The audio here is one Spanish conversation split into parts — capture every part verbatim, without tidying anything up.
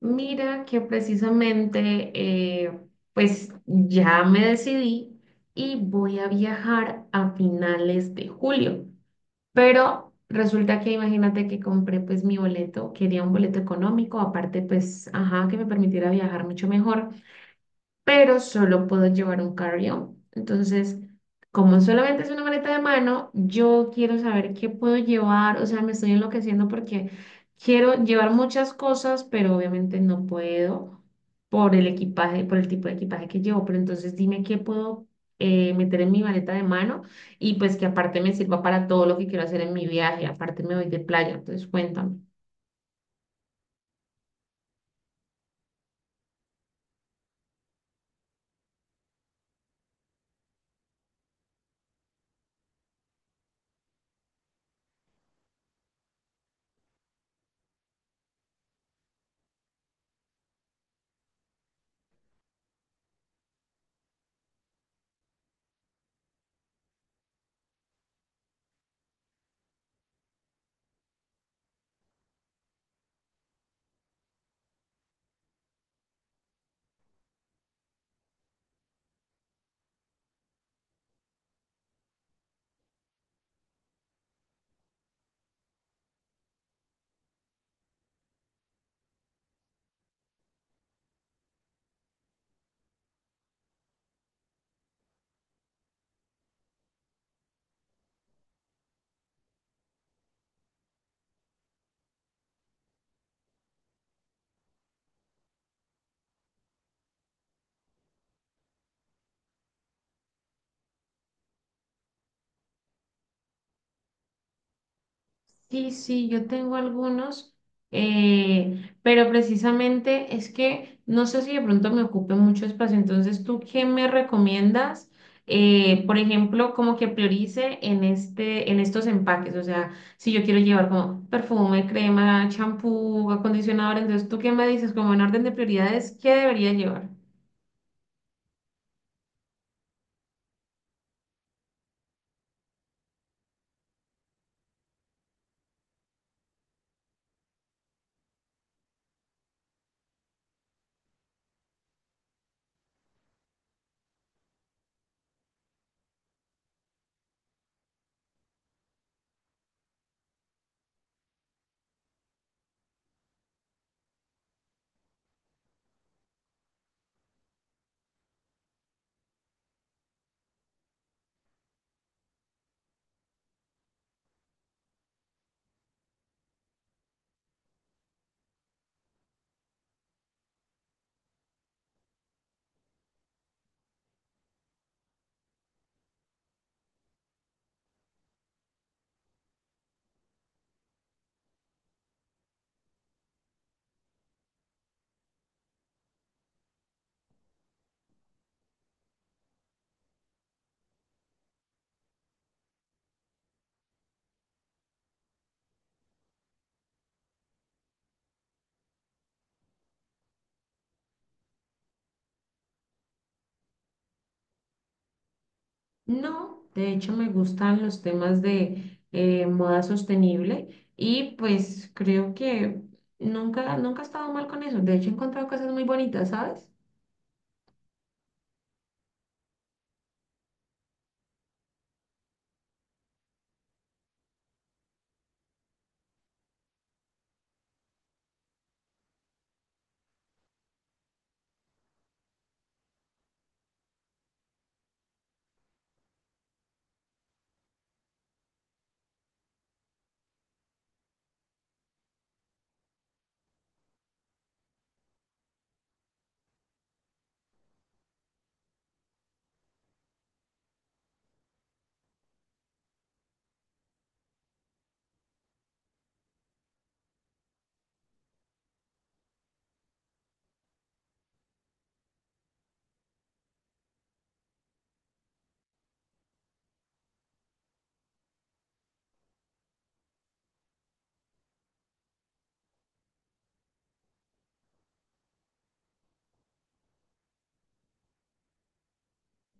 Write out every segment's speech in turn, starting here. Mira que precisamente, eh, pues ya me decidí y voy a viajar a finales de julio. Pero resulta que imagínate que compré pues mi boleto, quería un boleto económico, aparte pues, ajá, que me permitiera viajar mucho mejor. Pero solo puedo llevar un carry-on. Entonces, como solamente es una maleta de mano, yo quiero saber qué puedo llevar, o sea, me estoy enloqueciendo porque quiero llevar muchas cosas, pero obviamente no puedo por el equipaje, por el tipo de equipaje que llevo, pero entonces dime qué puedo eh, meter en mi maleta de mano y pues que aparte me sirva para todo lo que quiero hacer en mi viaje. Aparte me voy de playa, entonces cuéntame. Sí, sí, yo tengo algunos, eh, pero precisamente es que no sé si de pronto me ocupe mucho espacio. Entonces, ¿tú qué me recomiendas? Eh, por ejemplo, como que priorice en este, en estos empaques. O sea, si yo quiero llevar como perfume, crema, champú, acondicionador, entonces, ¿tú qué me dices? Como en orden de prioridades, ¿qué debería llevar? No, de hecho me gustan los temas de eh, moda sostenible y pues creo que nunca, nunca he estado mal con eso. De hecho he encontrado cosas muy bonitas, ¿sabes?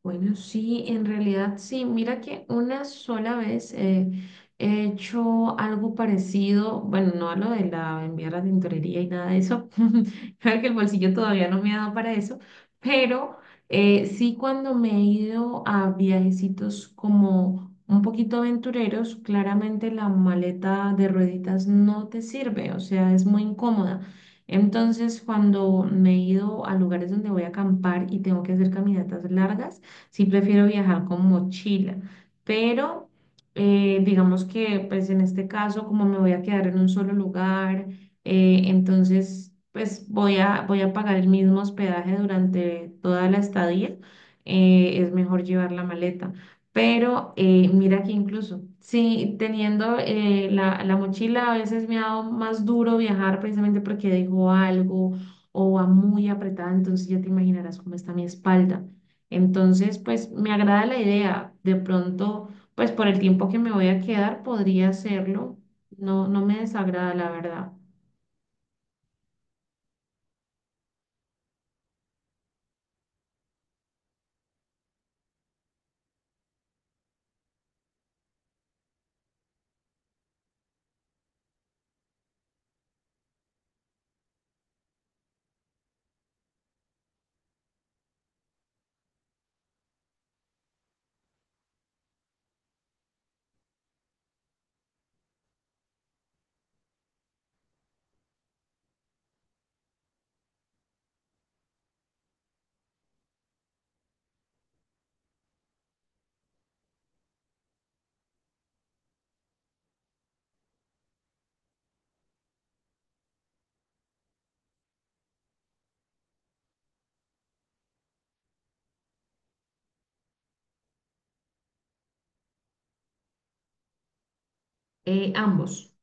Bueno, sí, en realidad sí. Mira que una sola vez eh, he hecho algo parecido. Bueno, no a lo de la enviar a la tintorería y nada de eso, creo que el bolsillo todavía no me ha dado para eso, pero eh, sí, cuando me he ido a viajecitos como un poquito aventureros, claramente la maleta de rueditas no te sirve, o sea, es muy incómoda. Entonces, cuando me he ido a lugares donde voy a acampar y tengo que hacer caminatas largas, sí prefiero viajar con mochila, pero eh, digamos que pues en este caso como me voy a quedar en un solo lugar, eh, entonces pues voy a, voy a pagar el mismo hospedaje durante toda la estadía. Eh, es mejor llevar la maleta. Pero eh, mira que incluso, sí, teniendo eh, la, la mochila a veces me ha dado más duro viajar precisamente porque dejo algo o va muy apretada, entonces ya te imaginarás cómo está mi espalda. Entonces, pues me agrada la idea. De pronto, pues por el tiempo que me voy a quedar, podría hacerlo. No, no me desagrada, la verdad. Eh, ambos.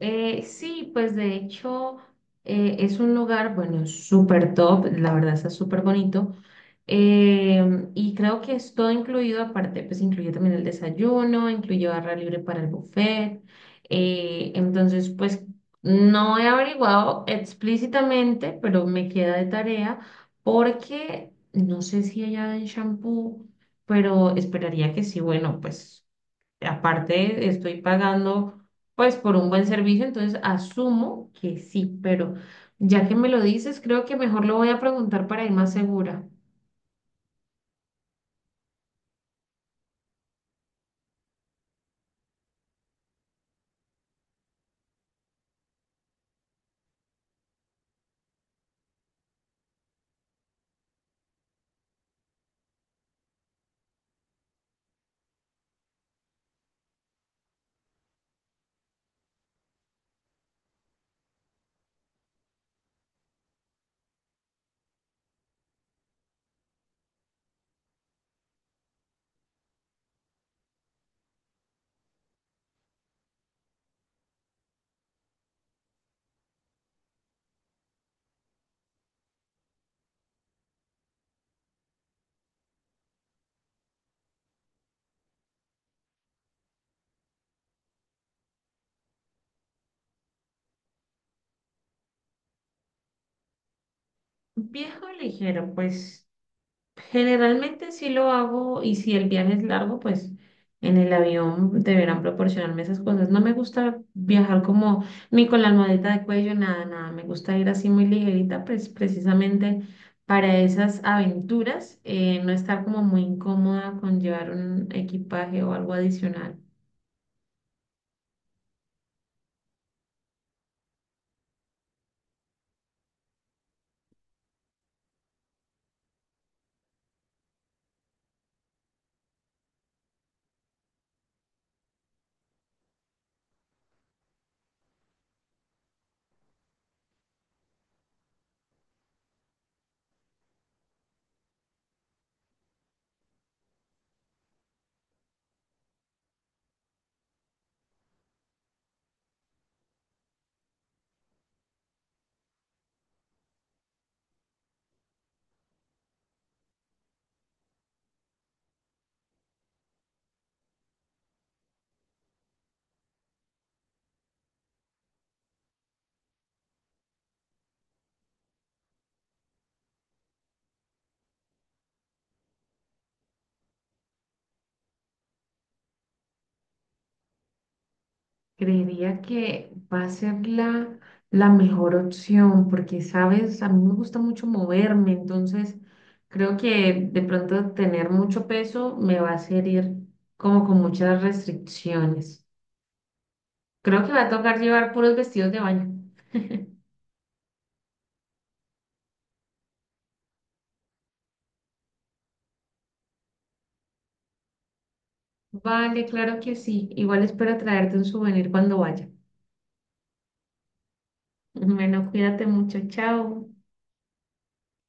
Eh, sí, pues de hecho eh, es un lugar, bueno, súper top, la verdad está súper bonito. Em, y creo que es todo incluido. Aparte, pues incluye también el desayuno, incluye barra libre para el buffet. Eh, entonces, pues no he averiguado explícitamente, pero me queda de tarea porque no sé si allá en shampoo, pero esperaría que sí, bueno, pues. Aparte, estoy pagando pues por un buen servicio, entonces asumo que sí, pero ya que me lo dices, creo que mejor lo voy a preguntar para ir más segura. Viejo ligero, pues. Generalmente sí lo hago, y si el viaje es largo, pues en el avión deberán proporcionarme esas cosas. No me gusta viajar como ni con la almohadita de cuello, nada, nada. Me gusta ir así muy ligerita, pues precisamente para esas aventuras. Eh, no estar como muy incómoda con llevar un equipaje o algo adicional. Creería que va a ser la, la mejor opción porque, sabes, a mí me gusta mucho moverme, entonces creo que de pronto tener mucho peso me va a hacer ir como con muchas restricciones. Creo que va a tocar llevar puros vestidos de baño. Vale, claro que sí. Igual espero traerte un souvenir cuando vaya. Bueno, cuídate mucho. Chao.